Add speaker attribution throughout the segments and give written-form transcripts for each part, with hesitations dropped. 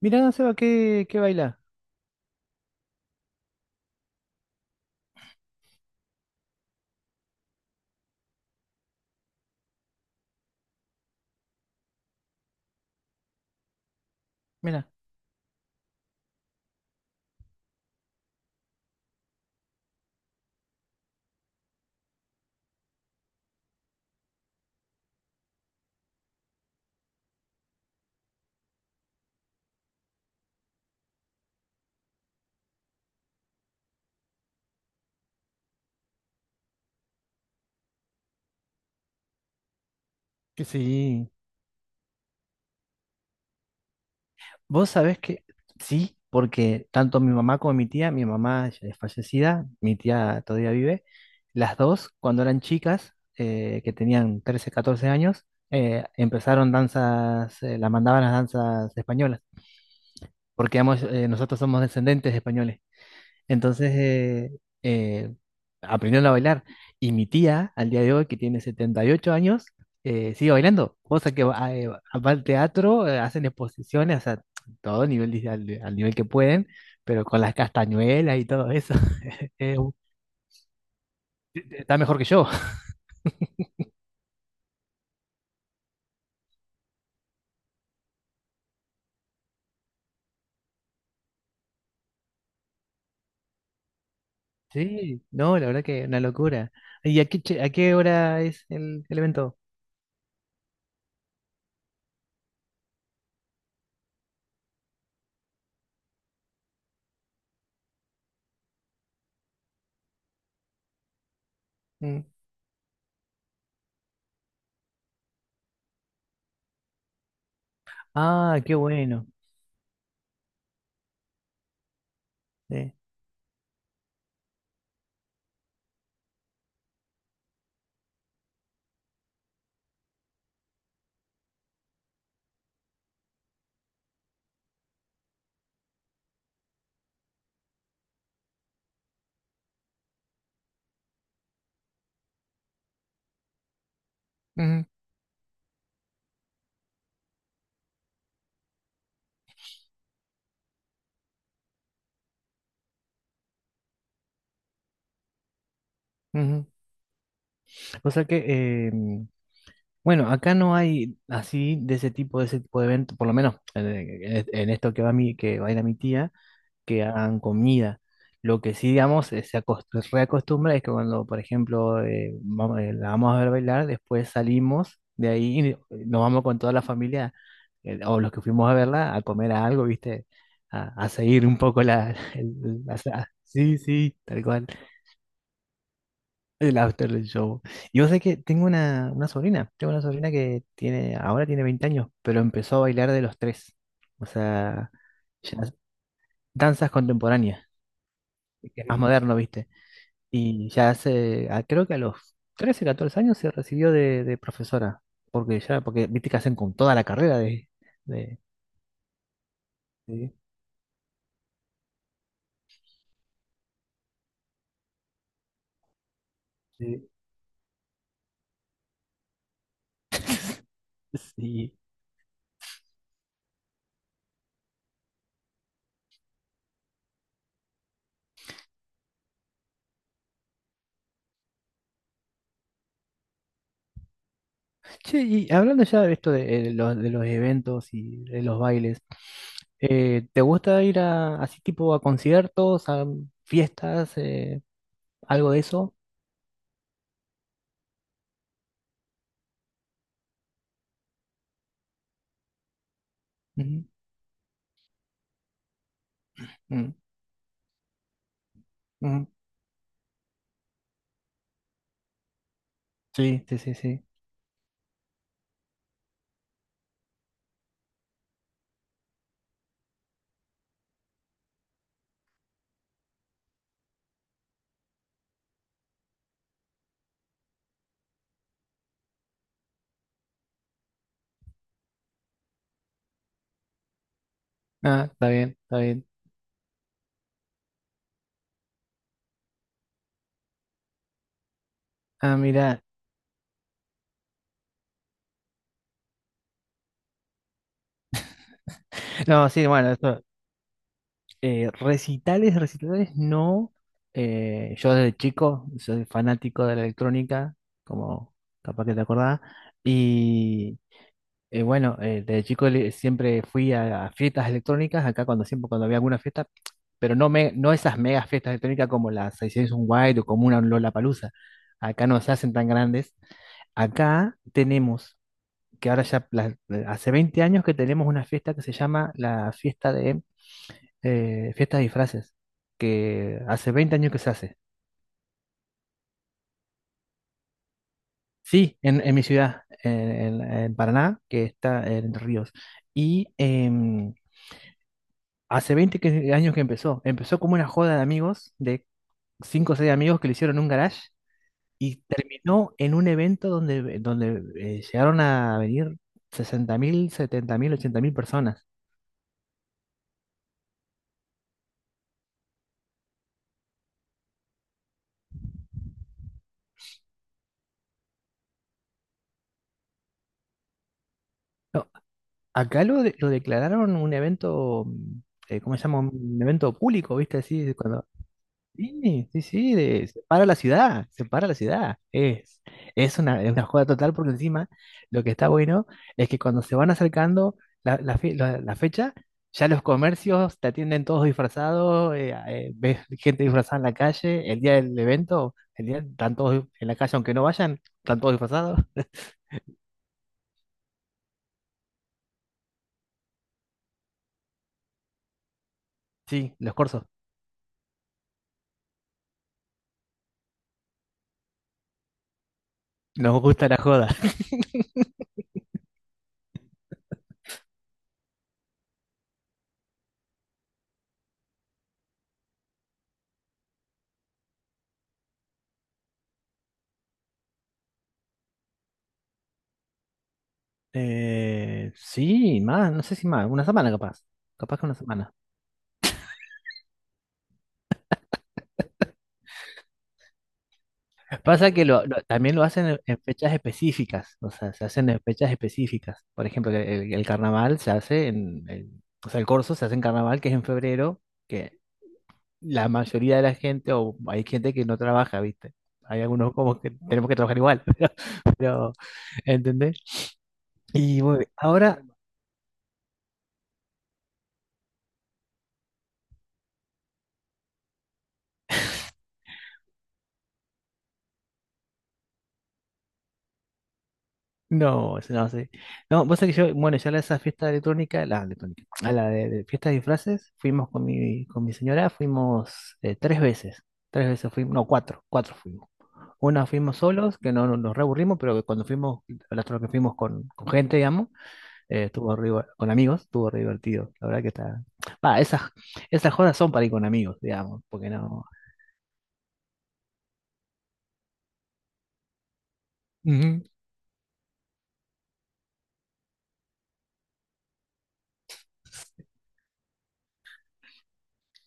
Speaker 1: Mirá, Seba, que baila. Mira que sí. Vos sabés que sí, porque tanto mi mamá como mi tía, mi mamá ya es fallecida, mi tía todavía vive, las dos, cuando eran chicas, que tenían 13 14 años, empezaron danzas, las mandaban a las danzas españolas, porque ambos, nosotros somos descendientes de españoles. Entonces eh, aprendieron a bailar. Y mi tía, al día de hoy, que tiene 78 años, sigue bailando. Cosa que va, va al teatro, hacen exposiciones, o sea, todo nivel, dice, al, al nivel que pueden, pero con las castañuelas y todo eso. Eh, está mejor que yo. Sí, no, la verdad que una locura. ¿Y a qué, a qué hora es el evento? Mm. Ah, qué bueno. Sí. Ujú, ujú. O sea que eh, bueno, acá no hay así de ese tipo, de ese tipo de evento, por lo menos en, en esto que va mi, que va a ir a mi tía, que hagan comida. Lo que sí, digamos, reacostumbra es que cuando, por ejemplo, vamos, la vamos a ver bailar, después salimos de ahí y nos vamos con toda la familia, o los que fuimos a verla, a comer algo, ¿viste? A seguir un poco la, sí, sí, tal cual. El after del show. Y vos sabés que tengo una sobrina, tengo una sobrina que tiene, ahora tiene 20 años, pero empezó a bailar de los tres. O sea, ya danzas contemporáneas, que es más moderno, ¿viste? Y ya hace, creo que a los 13 14 años se recibió de profesora, porque ya, porque viste que hacen con toda la carrera de, de- de- sí. Che, y hablando ya de esto de, los, de los eventos y de los bailes, ¿te gusta ir a así tipo a conciertos, a fiestas, algo de eso? Ujú, mm, ujú. Sí, sí, sí, sí. Ah, está bien, está bien. Ah, mira. No, sí, bueno, esto, recitales, recitales, no. Yo desde chico soy fanático de la electrónica, como capaz que te acordás, y bueno, de chico siempre fui a fiestas electrónicas, acá cuando siempre cuando había alguna fiesta, pero no, me, no esas mega fiestas electrónicas como las 600 wild o como una Lollapalooza. Acá no se hacen tan grandes. Acá tenemos, que ahora hace 20 años que tenemos una fiesta que se llama la fiesta de disfraces, que hace 20 años que se hace. Sí, en mi ciudad, en, en Paraná, que está en Entre Ríos. Y em, Hace años que empezó. Empezó como una joda de amigos, de 5 o 6 amigos que le hicieron un garage y terminó en un evento donde, donde llegaron a venir 60.000, 70.000, 80.000 personas. No, acá lo declararon un evento, ¿cómo se llama? Un evento público, ¿viste? Así, cuando sí, sí, sí, separa la ciudad, separa la ciudad. Es una joda total porque encima lo que está bueno es que cuando se van acercando la, la fecha, ya los comercios te atienden todos disfrazados, ves gente disfrazada en la calle, el día del evento, el día están todos en la calle aunque no vayan, están todos disfrazados. Sí, los corsos, nos gusta la joda. Sí, más, no sé si más, una semana capaz, capaz que una semana. Pasa que también lo hacen en fechas específicas, o sea, se hacen en fechas específicas. Por ejemplo, el carnaval se hace en, o sea, el corso se hace en carnaval, que es en febrero, que la mayoría de la gente, o hay gente que no trabaja, ¿viste? Hay algunos como que tenemos que trabajar igual, pero ¿entendés? Y bueno, ahora, no, eso no sé. No, vos sabés que yo, bueno, ya a esa fiesta electrónica, la electrónica, a la de fiesta de disfraces, fuimos con mi señora, fuimos tres veces fuimos, no, cuatro, cuatro fuimos. Una fuimos solos, que no, nos reaburrimos, pero que cuando fuimos, la otra que fuimos con gente, digamos, con amigos, estuvo re divertido. La verdad que está. Va, esas, esas jodas son para ir con amigos, digamos, porque no. Ujú.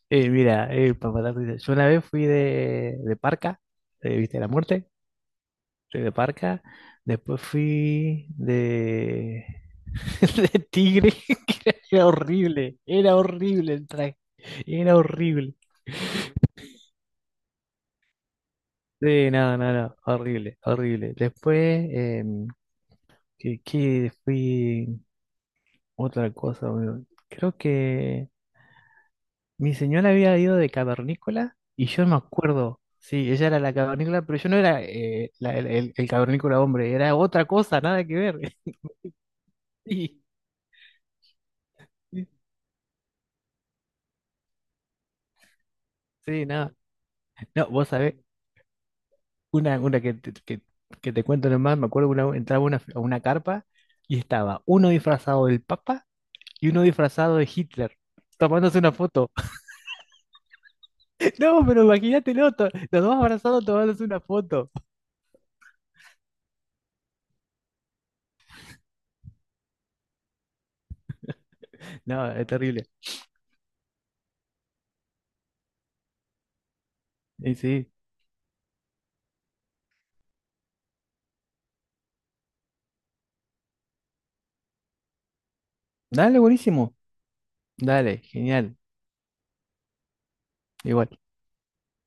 Speaker 1: Mira, para matar risa, yo una vez fui de Parca, ¿viste? La muerte. Fui de Parca. Después fui de, de Tigre. Era horrible. Era horrible el traje. Era horrible. Sí, no, no, no. Horrible, horrible. Después, que fui otra cosa, boludo. Creo que mi señora había ido de cavernícola y yo no me acuerdo. Sí, ella era la cavernícola, pero yo no era el cavernícola hombre. Era otra cosa, nada que ver. Sí, sí, sí, nada. No, vos sabés. Una que, que te cuento nomás, me acuerdo una, entraba una, a una carpa y estaba uno disfrazado del Papa y uno disfrazado de Hitler, tomándose una foto. No, pero imagínatelo, los dos abrazados tomándose una foto. No, es terrible. Y sí, dale, buenísimo. Dale, genial. Igual.